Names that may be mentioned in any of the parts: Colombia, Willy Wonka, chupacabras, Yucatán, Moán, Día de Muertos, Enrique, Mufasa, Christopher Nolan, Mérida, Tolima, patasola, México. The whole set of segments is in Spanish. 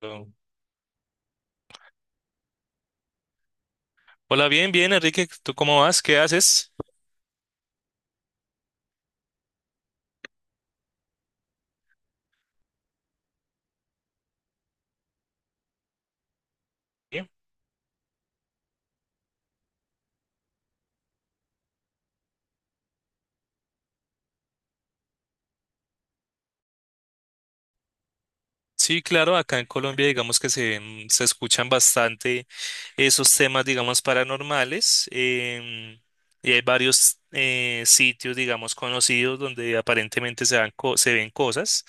Hola, bien, bien, Enrique, ¿tú cómo vas? ¿Qué haces? Bien. Sí, claro, acá en Colombia digamos que se, se escuchan bastante esos temas, digamos, paranormales y hay varios sitios, digamos, conocidos donde aparentemente se, se ven cosas.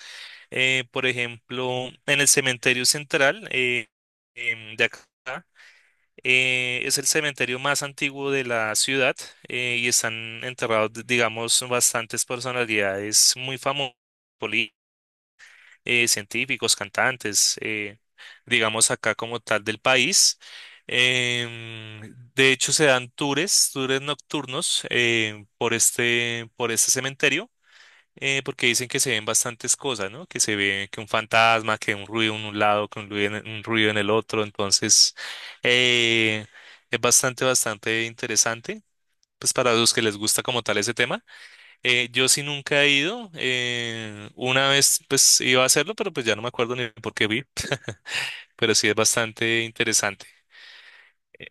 Por ejemplo, en el cementerio central de acá. Es el cementerio más antiguo de la ciudad y están enterrados, digamos, bastantes personalidades muy famosas, poli- científicos, cantantes, digamos acá como tal del país. Em, de hecho, se dan tours, tours nocturnos por este cementerio porque dicen que se ven bastantes cosas, ¿no? Que se ve que un fantasma, que un ruido en un lado, que un ruido en el otro. Entonces, eh, es bastante, bastante interesante. Pues para los que les gusta como tal ese tema. Yo sí nunca he ido. Una vez pues iba a hacerlo, pero pues ya no me acuerdo ni por qué vi. Pero sí es bastante interesante. Eh,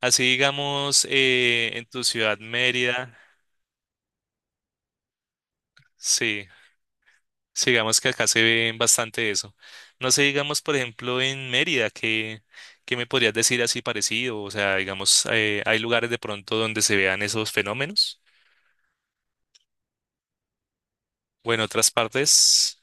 Así digamos, en tu ciudad Mérida, sí. Sí, digamos que acá se ve bastante eso. No sé, digamos, por ejemplo, en Mérida, ¿qué, qué me podrías decir así parecido? O sea, digamos, ¿hay lugares de pronto donde se vean esos fenómenos? O en otras partes.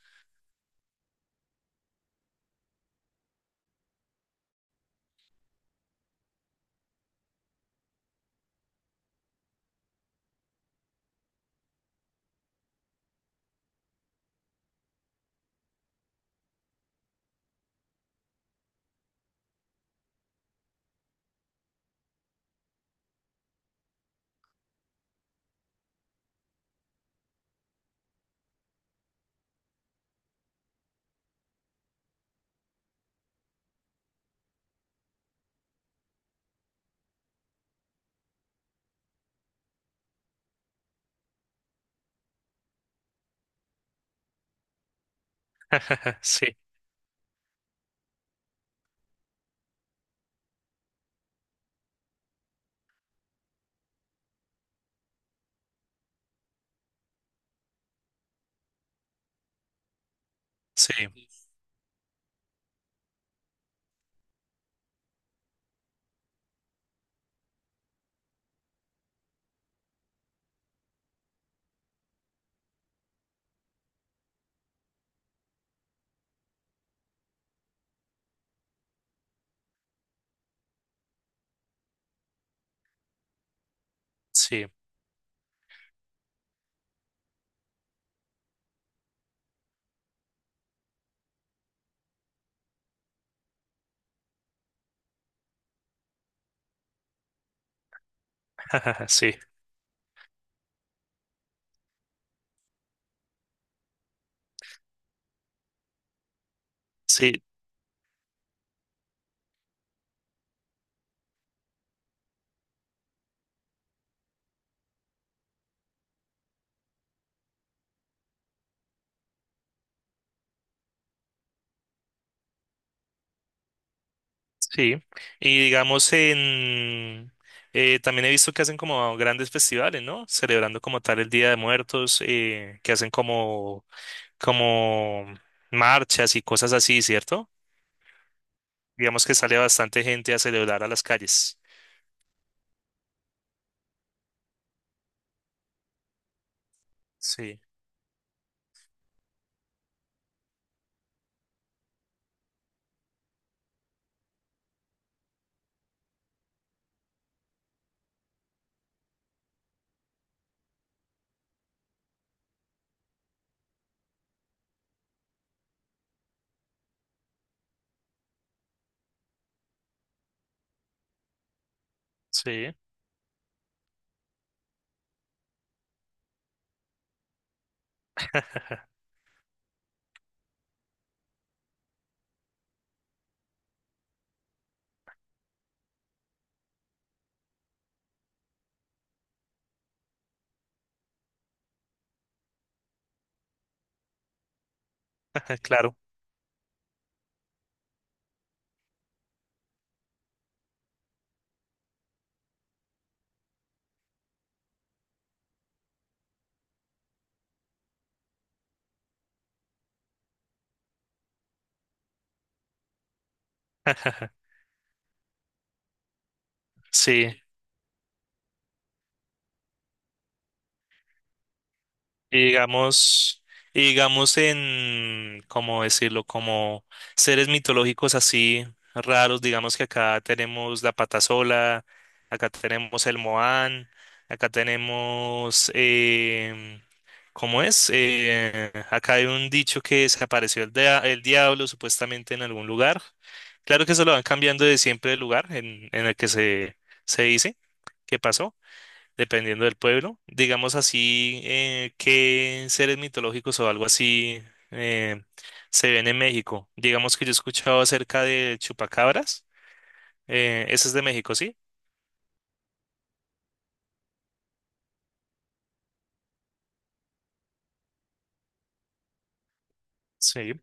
Sí, sí, sí, sí, sí, sí. Y digamos, en... también he visto que hacen como grandes festivales, ¿no? Celebrando como tal el Día de Muertos, que hacen como, como marchas y cosas así, ¿cierto? Digamos que sale bastante gente a celebrar a las calles. Sí, sí, claro. Sí, y digamos, y digamos en, ¿cómo decirlo? Como seres mitológicos así raros, digamos que acá tenemos la patasola, acá tenemos el Moán, acá tenemos, ¿cómo es? Acá hay un dicho que se apareció el, el diablo supuestamente en algún lugar. Claro que eso lo van cambiando de siempre el lugar en el que se dice que pasó dependiendo del pueblo. Digamos así, qué seres mitológicos o algo así eh, se ven en México. Digamos que yo he escuchado acerca de chupacabras. Ese es de México, ¿sí? Sí.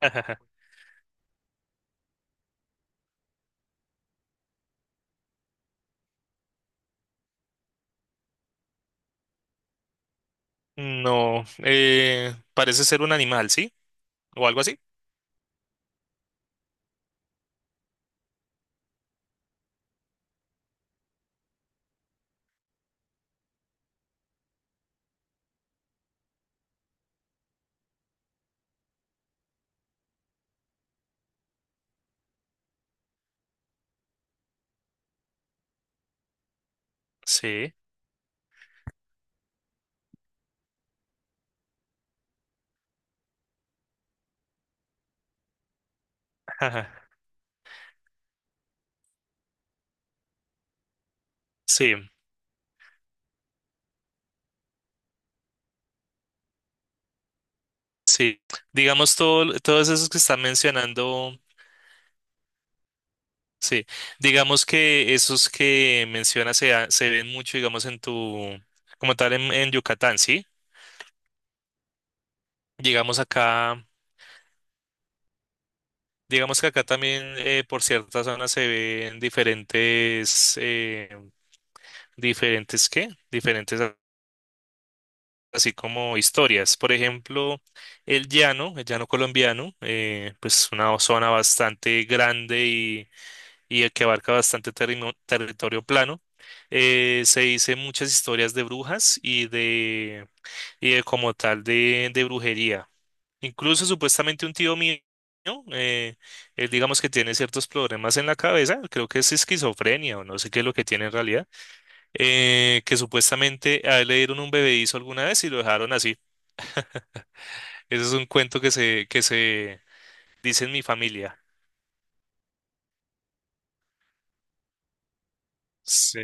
No, parece ser un animal, ¿sí? O algo así. Sí. Sí, sí. Digamos todo, todos esos que están mencionando, sí. Digamos que esos que mencionas se, se ven mucho, digamos, en tu, como tal, en Yucatán, ¿sí? Llegamos acá, digamos que acá también por ciertas zonas se ven diferentes, diferentes, ¿qué? Así como historias. Por ejemplo, el llano colombiano, pues una zona bastante grande y que abarca bastante territorio plano. Se dice muchas historias de brujas y de como tal de brujería. Incluso supuestamente un tío mío, eh, él digamos que tiene ciertos problemas en la cabeza, creo que es esquizofrenia o no sé qué es lo que tiene en realidad, que supuestamente a él le dieron un bebedizo alguna vez y lo dejaron así. Ese es un cuento que se dice en mi familia. Sí,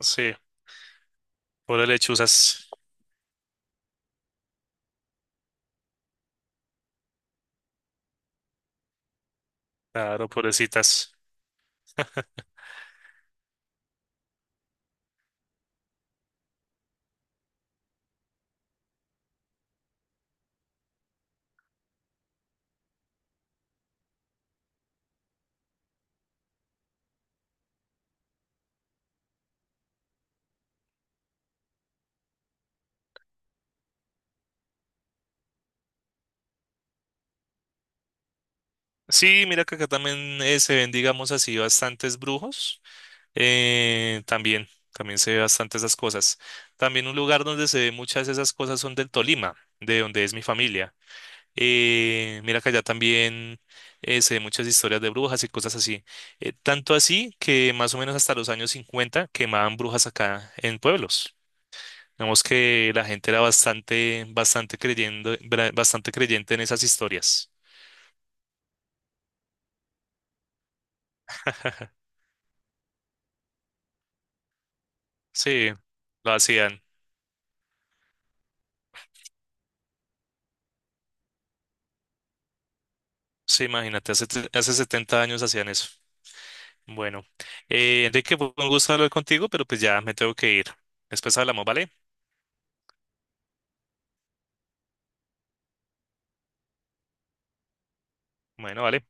sí, por lechuzas, claro, pobrecitas. Sí, mira que acá también se ven, digamos así, bastantes brujos. También, también se ve bastante esas cosas. También un lugar donde se ve muchas de esas cosas son del Tolima, de donde es mi familia. Mira que allá también se ven muchas historias de brujas y cosas así. Tanto así que más o menos hasta los años 50 quemaban brujas acá en pueblos. Digamos que la gente era bastante, bastante creyendo, bastante creyente en esas historias. Sí, lo hacían. Sí, imagínate, hace, hace 70 años hacían eso. Bueno, Enrique, fue un gusto hablar contigo, pero pues ya me tengo que ir. Después hablamos, ¿vale? Bueno, vale.